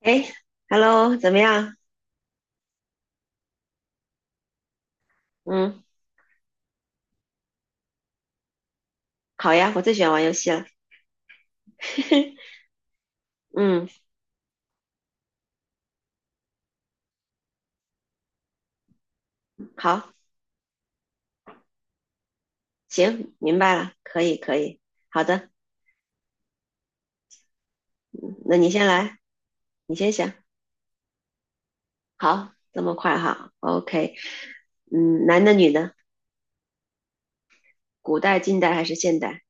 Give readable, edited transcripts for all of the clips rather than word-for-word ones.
哎，Hello，怎么样？嗯，好呀，我最喜欢玩游戏了。嗯，好，行，明白了，可以，可以，好的，嗯那你先来，你先想。好，这么快哈，OK。嗯，男的女的，古代、近代还是现代？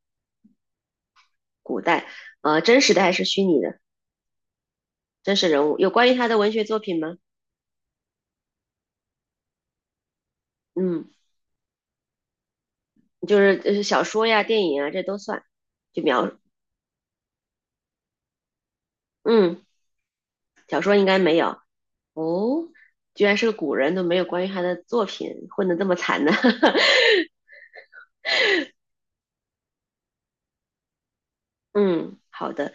古代，真实的还是虚拟的？真实人物有关于他的文学作品吗？嗯，就是小说呀、电影啊，这都算，就描，嗯，小说应该没有。哦，居然是个古人，都没有关于他的作品混得这么惨呢。嗯，好的，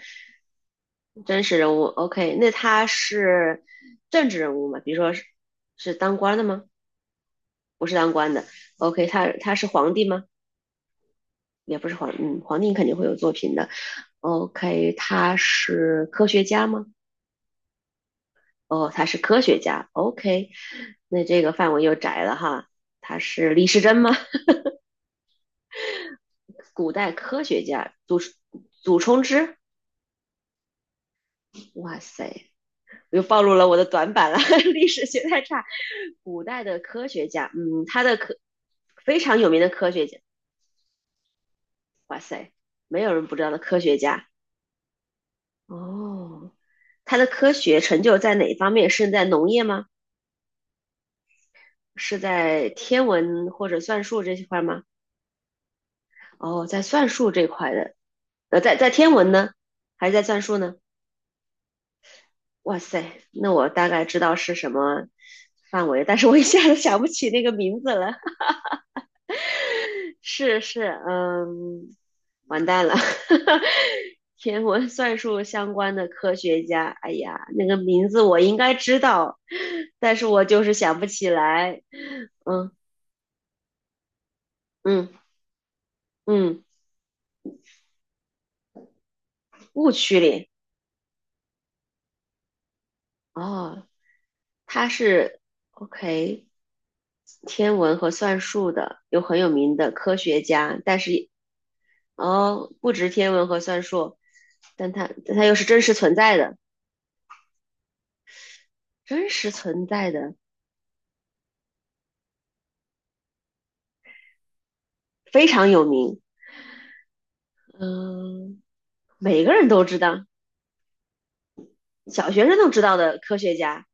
真实人物，OK，那他是政治人物吗？比如说是是当官的吗？不是当官的，OK，他是皇帝吗？也不是皇，嗯，皇帝肯定会有作品的，OK，他是科学家吗？哦，他是科学家，OK，那这个范围又窄了哈。他是李时珍吗？古代科学家，祖冲之，哇塞，又暴露了我的短板了。历史学太差。古代的科学家，嗯，他的科非常有名的科学家，哇塞，没有人不知道的科学家。哦，他的科学成就在哪方面？是在农业吗？是在天文或者算术这一块吗？哦，在算术这块的，在天文呢，还是在算术呢？哇塞，那我大概知道是什么范围，但是我一下子想不起那个名字了。是是，嗯，完蛋了。天文算术相关的科学家，哎呀，那个名字我应该知道，但是我就是想不起来。嗯嗯嗯，误区里哦，他是 OK 天文和算术的，有很有名的科学家，但是哦，不止天文和算术，但他又是真实存在的，真实存在的，非常有名。嗯。每个人都知道，小学生都知道的科学家。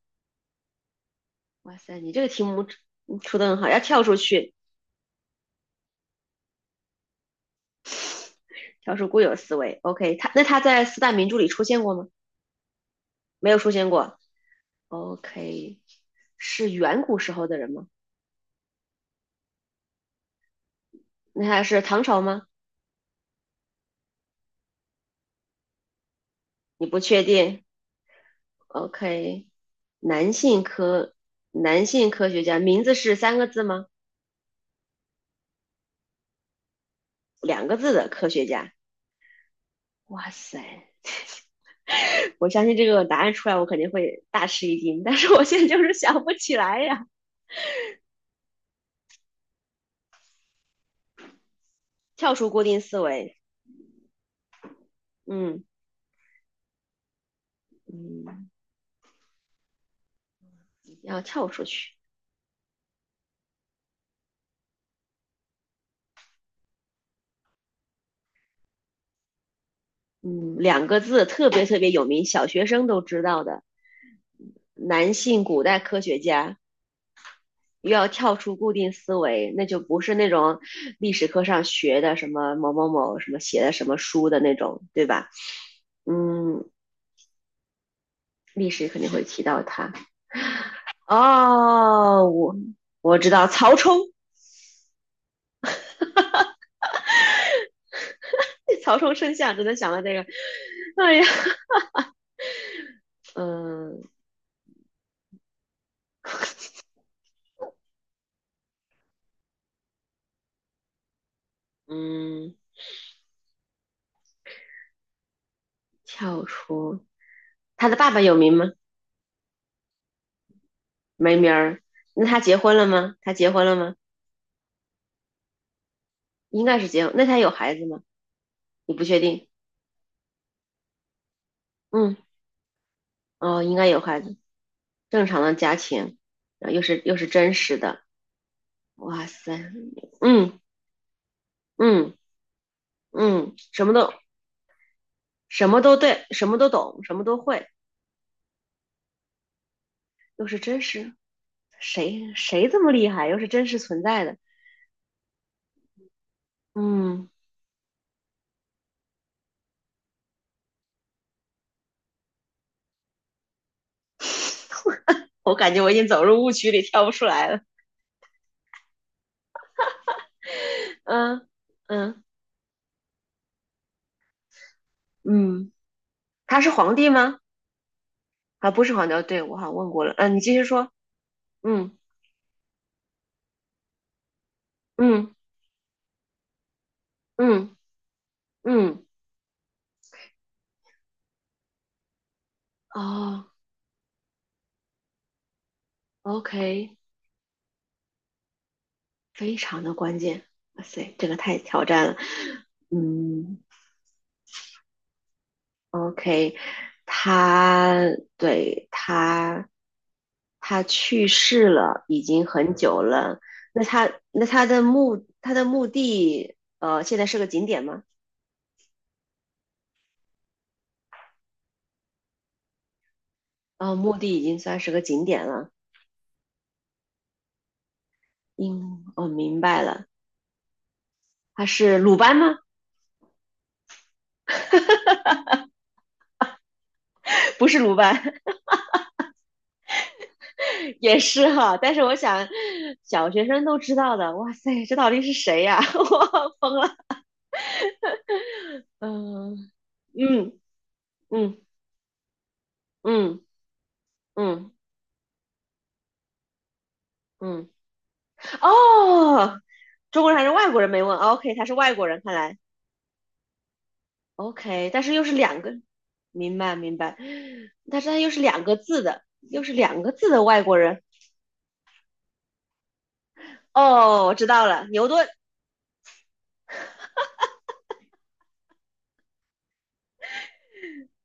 哇塞，你这个题目出的很好，要跳出去，跳出固有思维。OK，他在四大名著里出现过吗？没有出现过。OK，是远古时候的人吗？那他是唐朝吗？你不确定。OK，男性科男性科学家名字是三个字吗？两个字的科学家。哇塞，我相信这个答案出来，我肯定会大吃一惊，但是我现在就是想不起来呀。跳出固定思维，嗯嗯，要跳出去，嗯，两个字特别特别有名，小学生都知道的，男性古代科学家。又要跳出固定思维，那就不是那种历史课上学的什么某某某什么写的什么书的那种，对吧？嗯，历史肯定会提到他。哦，我知道曹冲。曹冲称象只能想到这个。哎呀，嗯、嗯，跳出他的爸爸有名吗？没名儿。那他结婚了吗？他结婚了吗？应该是结婚。那他有孩子吗？你不确定。嗯，哦，应该有孩子。正常的家庭，又是真实的。哇塞，嗯嗯嗯，什么都什么都对，什么都懂，什么都会，又是真实。谁谁这么厉害？又是真实存在的。嗯，我感觉我已经走入误区里，跳不出来了。嗯嗯嗯，他是皇帝吗？啊，不是黄牛，对，我好像问过了。嗯、你继续说。嗯嗯嗯嗯，哦，OK，非常的关键。哇塞，这个太挑战了。嗯，OK，他对他他去世了，已经很久了。那他的墓地现在是个景点吗？呃，墓地已经算是个景点了。嗯，我、明白了，他是鲁班吗？不是鲁班，也是哈，但是我想，小学生都知道的，哇塞，这到底是谁呀、我疯了。嗯嗯嗯嗯嗯嗯，哦，中国人还是外国人没问，OK，他是外国人，看来 OK，但是又是两个，明白明白，但是他又是两个字的外国人。哦，我知道了，牛顿。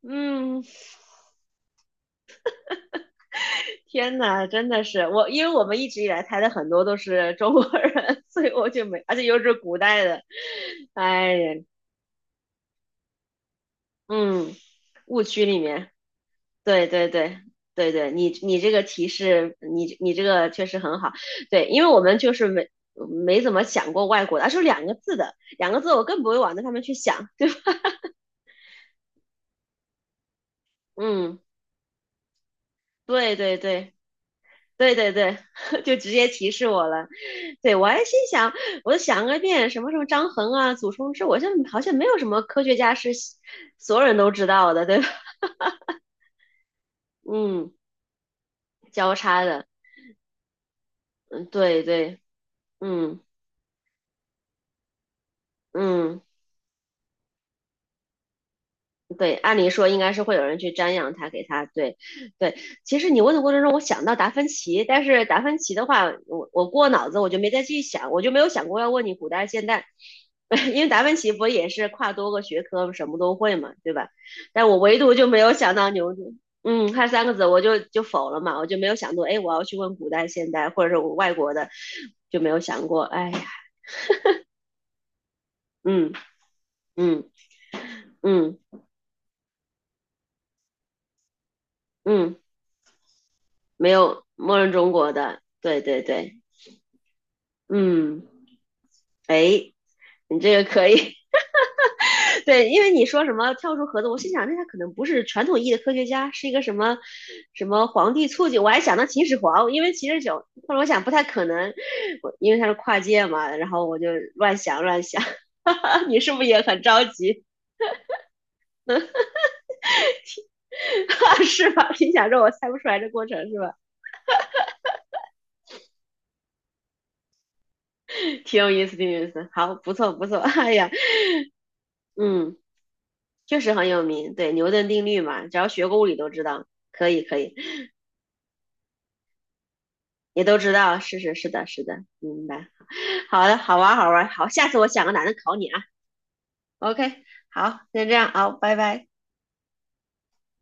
嗯，天呐，真的是我，因为我们一直以来猜的很多都是中国人，所以我就没，而且又是古代的，哎呀，嗯，误区里面，对对对对对，你这个提示，你这个确实很好，对，因为我们就是没怎么想过外国的，而是两个字的，两个字我更不会往那上面去想，对吧？嗯，对对对对对对，就直接提示我了。对，我还心想，我就想个遍，什么什么张衡啊、祖冲之，我就好像没有什么科学家是所有人都知道的，对吧？嗯，交叉的，嗯对对，嗯嗯。对，按理说应该是会有人去瞻仰他，给他对，对。其实你问的过程中，我想到达芬奇，但是达芬奇的话，我过脑子我就没再去想，我就没有想过要问你古代现代。因为达芬奇不也是跨多个学科，什么都会嘛，对吧？但我唯独就没有想到牛顿，嗯，看三个字我就否了嘛，我就没有想过，哎，我要去问古代现代或者是我外国的，就没有想过，哎呀，嗯嗯嗯嗯，没有默认中国的，对对对。嗯，哎，你这个可以，对，因为你说什么跳出盒子，我心想，那他可能不是传统意义的科学家，是一个什么什么皇帝促进，我还想到秦始皇，因为秦始皇，后来我想不太可能，我因为他是跨界嘛，然后我就乱想，哈哈，你是不是也很着急？是吧？心想说我猜不出来这过程是吧？挺有意思，挺有意思，好，不错不错，哎呀，嗯，确实很有名，对牛顿定律嘛，只要学过物理都知道，可以可以。也都知道，是是是的，是的，明白。好的，好玩儿好玩儿好，下次我想个男的考你啊。OK，好，先这样啊，拜拜。